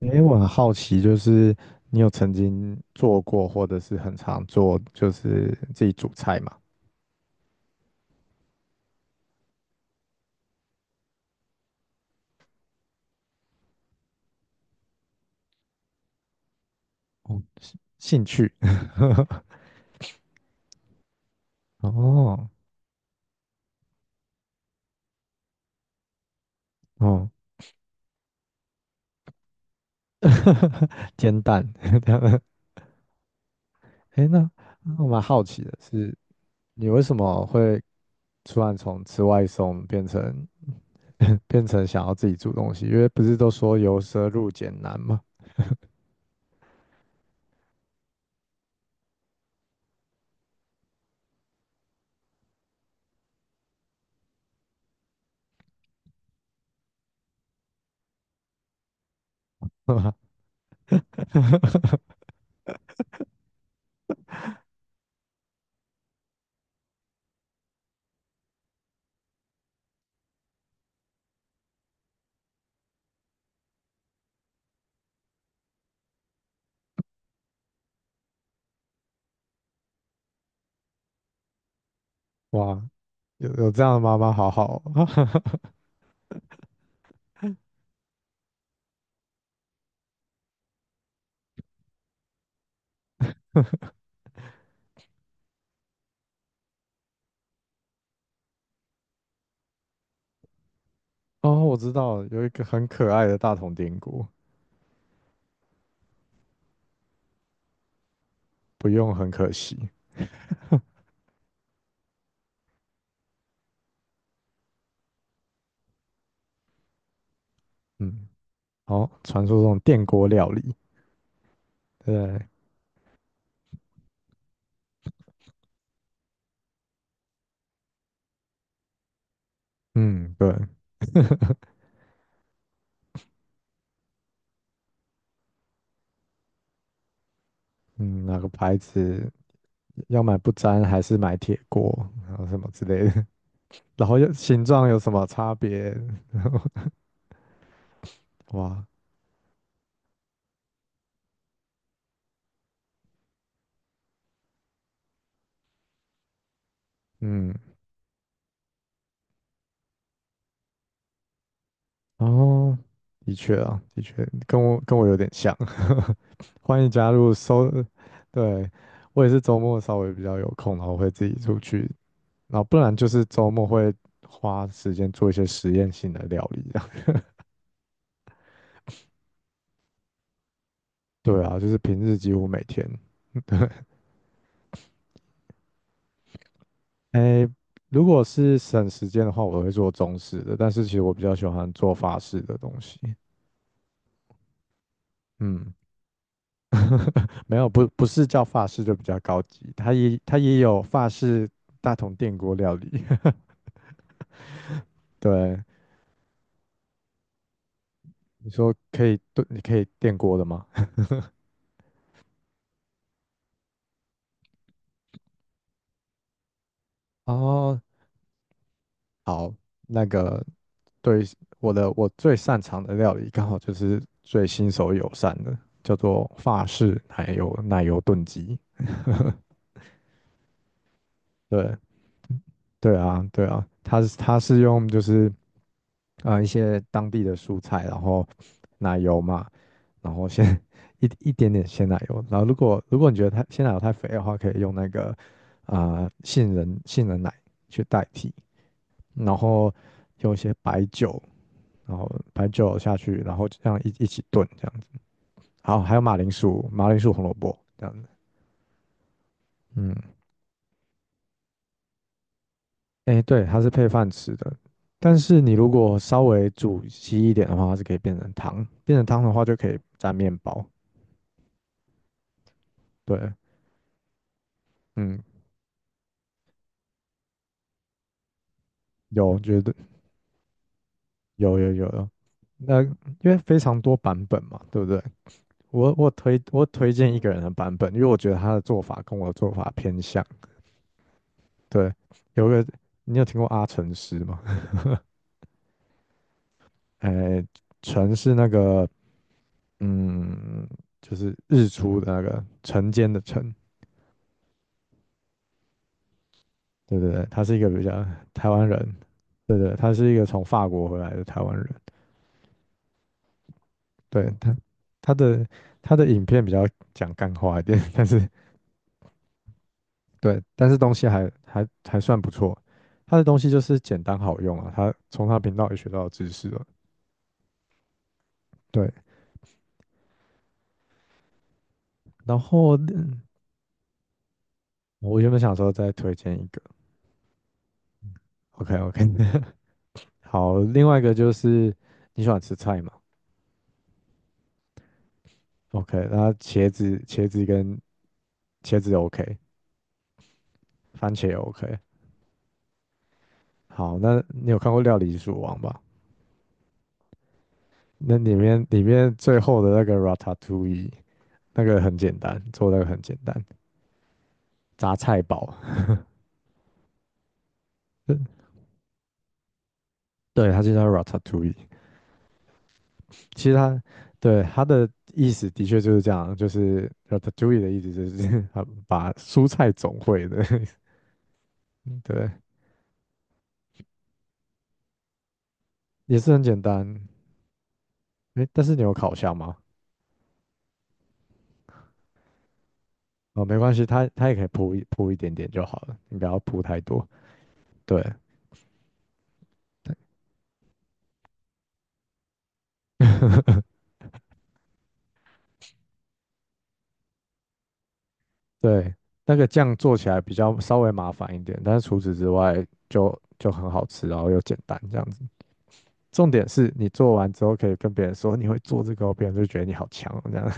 诶，我很好奇，就是你有曾经做过，或者是很常做，就是自己煮菜嘛？哦，兴趣。哦哦，煎蛋 这样。诶，那我蛮好奇的是，你为什么会突然从吃外送变成 变成想要自己煮东西？因为不是都说由奢入俭难吗？哇，有这样的妈妈好好哦。哦，我知道了有一个很可爱的大同电锅，不用很可惜。嗯，好，传说中的电锅料理，对，嗯，对，嗯，哪个牌子要买不粘还是买铁锅，然后什么之类的，然后又形状有什么差别？然后哇，嗯，哦，的确啊，的确跟我有点像，欢迎加入搜，对，我也是周末稍微比较有空，然后会自己出去然后不然就是周末会花时间做一些实验性的料理这样 对啊，就是平日几乎每天。哎，如果是省时间的话，我会做中式的，但是其实我比较喜欢做法式的东西。嗯，没有，不是叫法式就比较高级，它也有法式大桶电锅料理。对，你说可以炖，你可以电锅的吗？哦，好，那个对我最擅长的料理，刚好就是最新手友善的，叫做法式奶油炖鸡。对对啊对啊，它是它是用就是一些当地的蔬菜，然后奶油嘛，然后先 一点点鲜奶油，然后如果你觉得太鲜奶油太肥的话，可以用那个杏仁奶去代替，然后用一些白酒，然后白酒下去，然后这样一起炖这样子。好，还有马铃薯红萝卜这样子。嗯，哎，对，它是配饭吃的，但是你如果稍微煮稀一点的话，它是可以变成汤，变成汤的话就可以蘸面包。对，嗯，有，觉得有有有有。那因为非常多版本嘛，对不对？我推荐一个人的版本，因为我觉得他的做法跟我的做法偏向。对，有个你有听过阿成师吗？哎，纯是那个嗯，就是日出的那个晨间的晨，对对对，他是一个台湾人，对对，他是一个从法国回来的台湾人，对他他的他的影片比较讲干话一点，但是对，但是东西还算不错，他的东西就是简单好用啊，他从他频道也学到知识了，对，然后我原本想说再推荐一个，OK OK,好，另外一个就是你喜欢吃菜吗？OK，那茄子 OK，番茄也 OK。好，那你有看过《料理鼠王》吧？那里面最后的那个 Ratatouille，那个很简单，做那个很简单，杂菜煲。对，它就叫 Ratatouille。其实它的意思的确就是这样，就是 Ratatouille 的意思就是 它把蔬菜总会的。对，也是很简单。诶，但是你有烤箱吗？哦，没关系，它也可以铺一铺一点点就好了，你不要铺太多。对对，那个酱做起来比较稍微麻烦一点，但是除此之外就很好吃，然后又简单这样子。重点是你做完之后可以跟别人说你会做这个哦，别人就觉得你好强哦这样。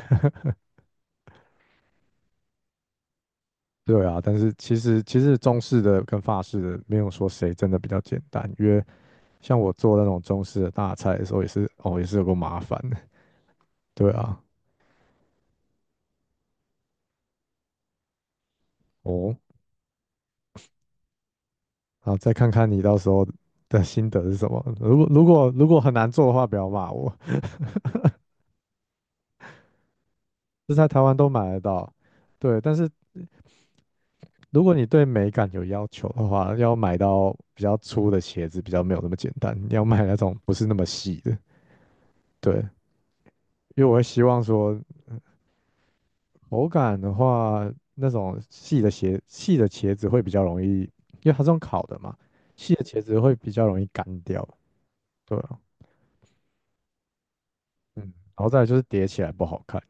对啊，但是其实中式的跟法式的没有说谁真的比较简单，因为像我做那种中式的大菜的时候也是有个麻烦的。对啊，哦，好，再看看你到时候的心得是什么。如果很难做的话，不要骂我，这在台湾都买得到。对，但是如果你对美感有要求的话，要买到比较粗的茄子比较没有那么简单，你要买那种不是那么细的。对，因为我会希望说口感的话，那种细的茄子会比较容易，因为它这种烤的嘛，细的茄子会比较容易干掉。对啊嗯，然后再来就是叠起来不好看。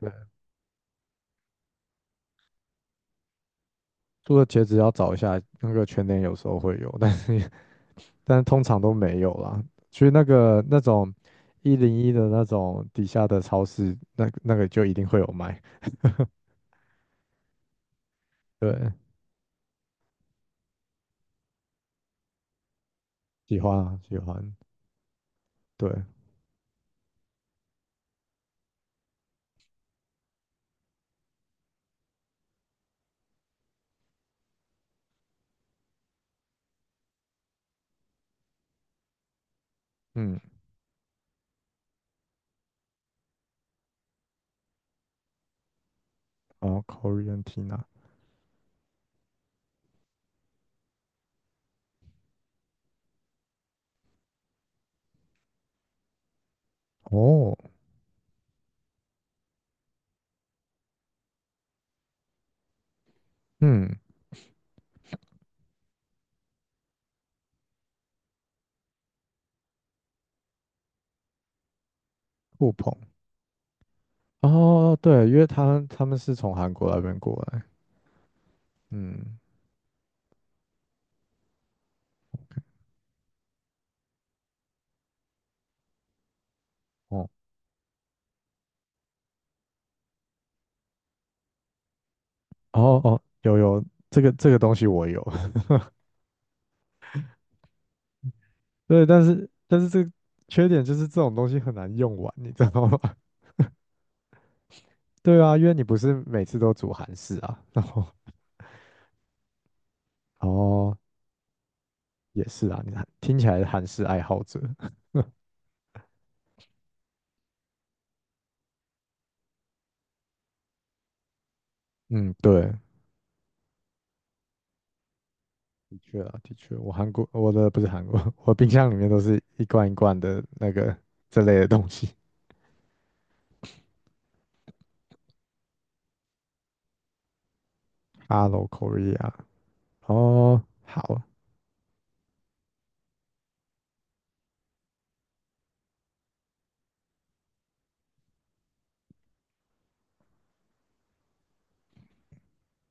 对做的茄子要找一下，那个全年有时候会有，但是通常都没有啦。去那个那种101的那种底下的超市，那个就一定会有卖。对，喜欢啊，喜欢。对，嗯，哦，Korean Tina，哦，嗯，酷鹏，哦，对，因为他们是从韩国那边过来，嗯，哦，哦哦，有这个东西我有，对，但是这个缺点就是这种东西很难用完，你知道吗？对啊，因为你不是每次都煮韩式啊，然后 哦也是啊，你看听起来是韩式爱好者，嗯，对，的确啊，的确，我的不是韩国，我冰箱里面都是一罐一罐的这类的东西，Hello Korea，哦，好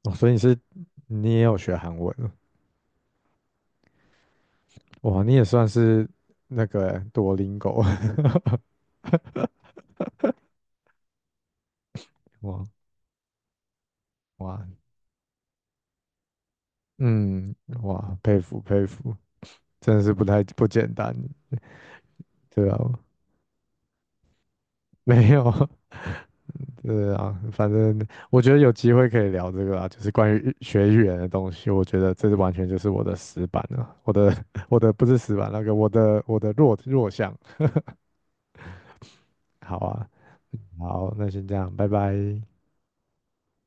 哦所以你也有学韩文了，哇，你也算是那个多邻狗，哇哇，嗯哇，佩服佩服，真的是不简单，对啊，没有。对啊，反正我觉得有机会可以聊这个啊，就是关于学语言的东西，我觉得这是完全就是我的死板了，我的 我的不是死板，我的弱项。好啊，好，那先这样，拜拜。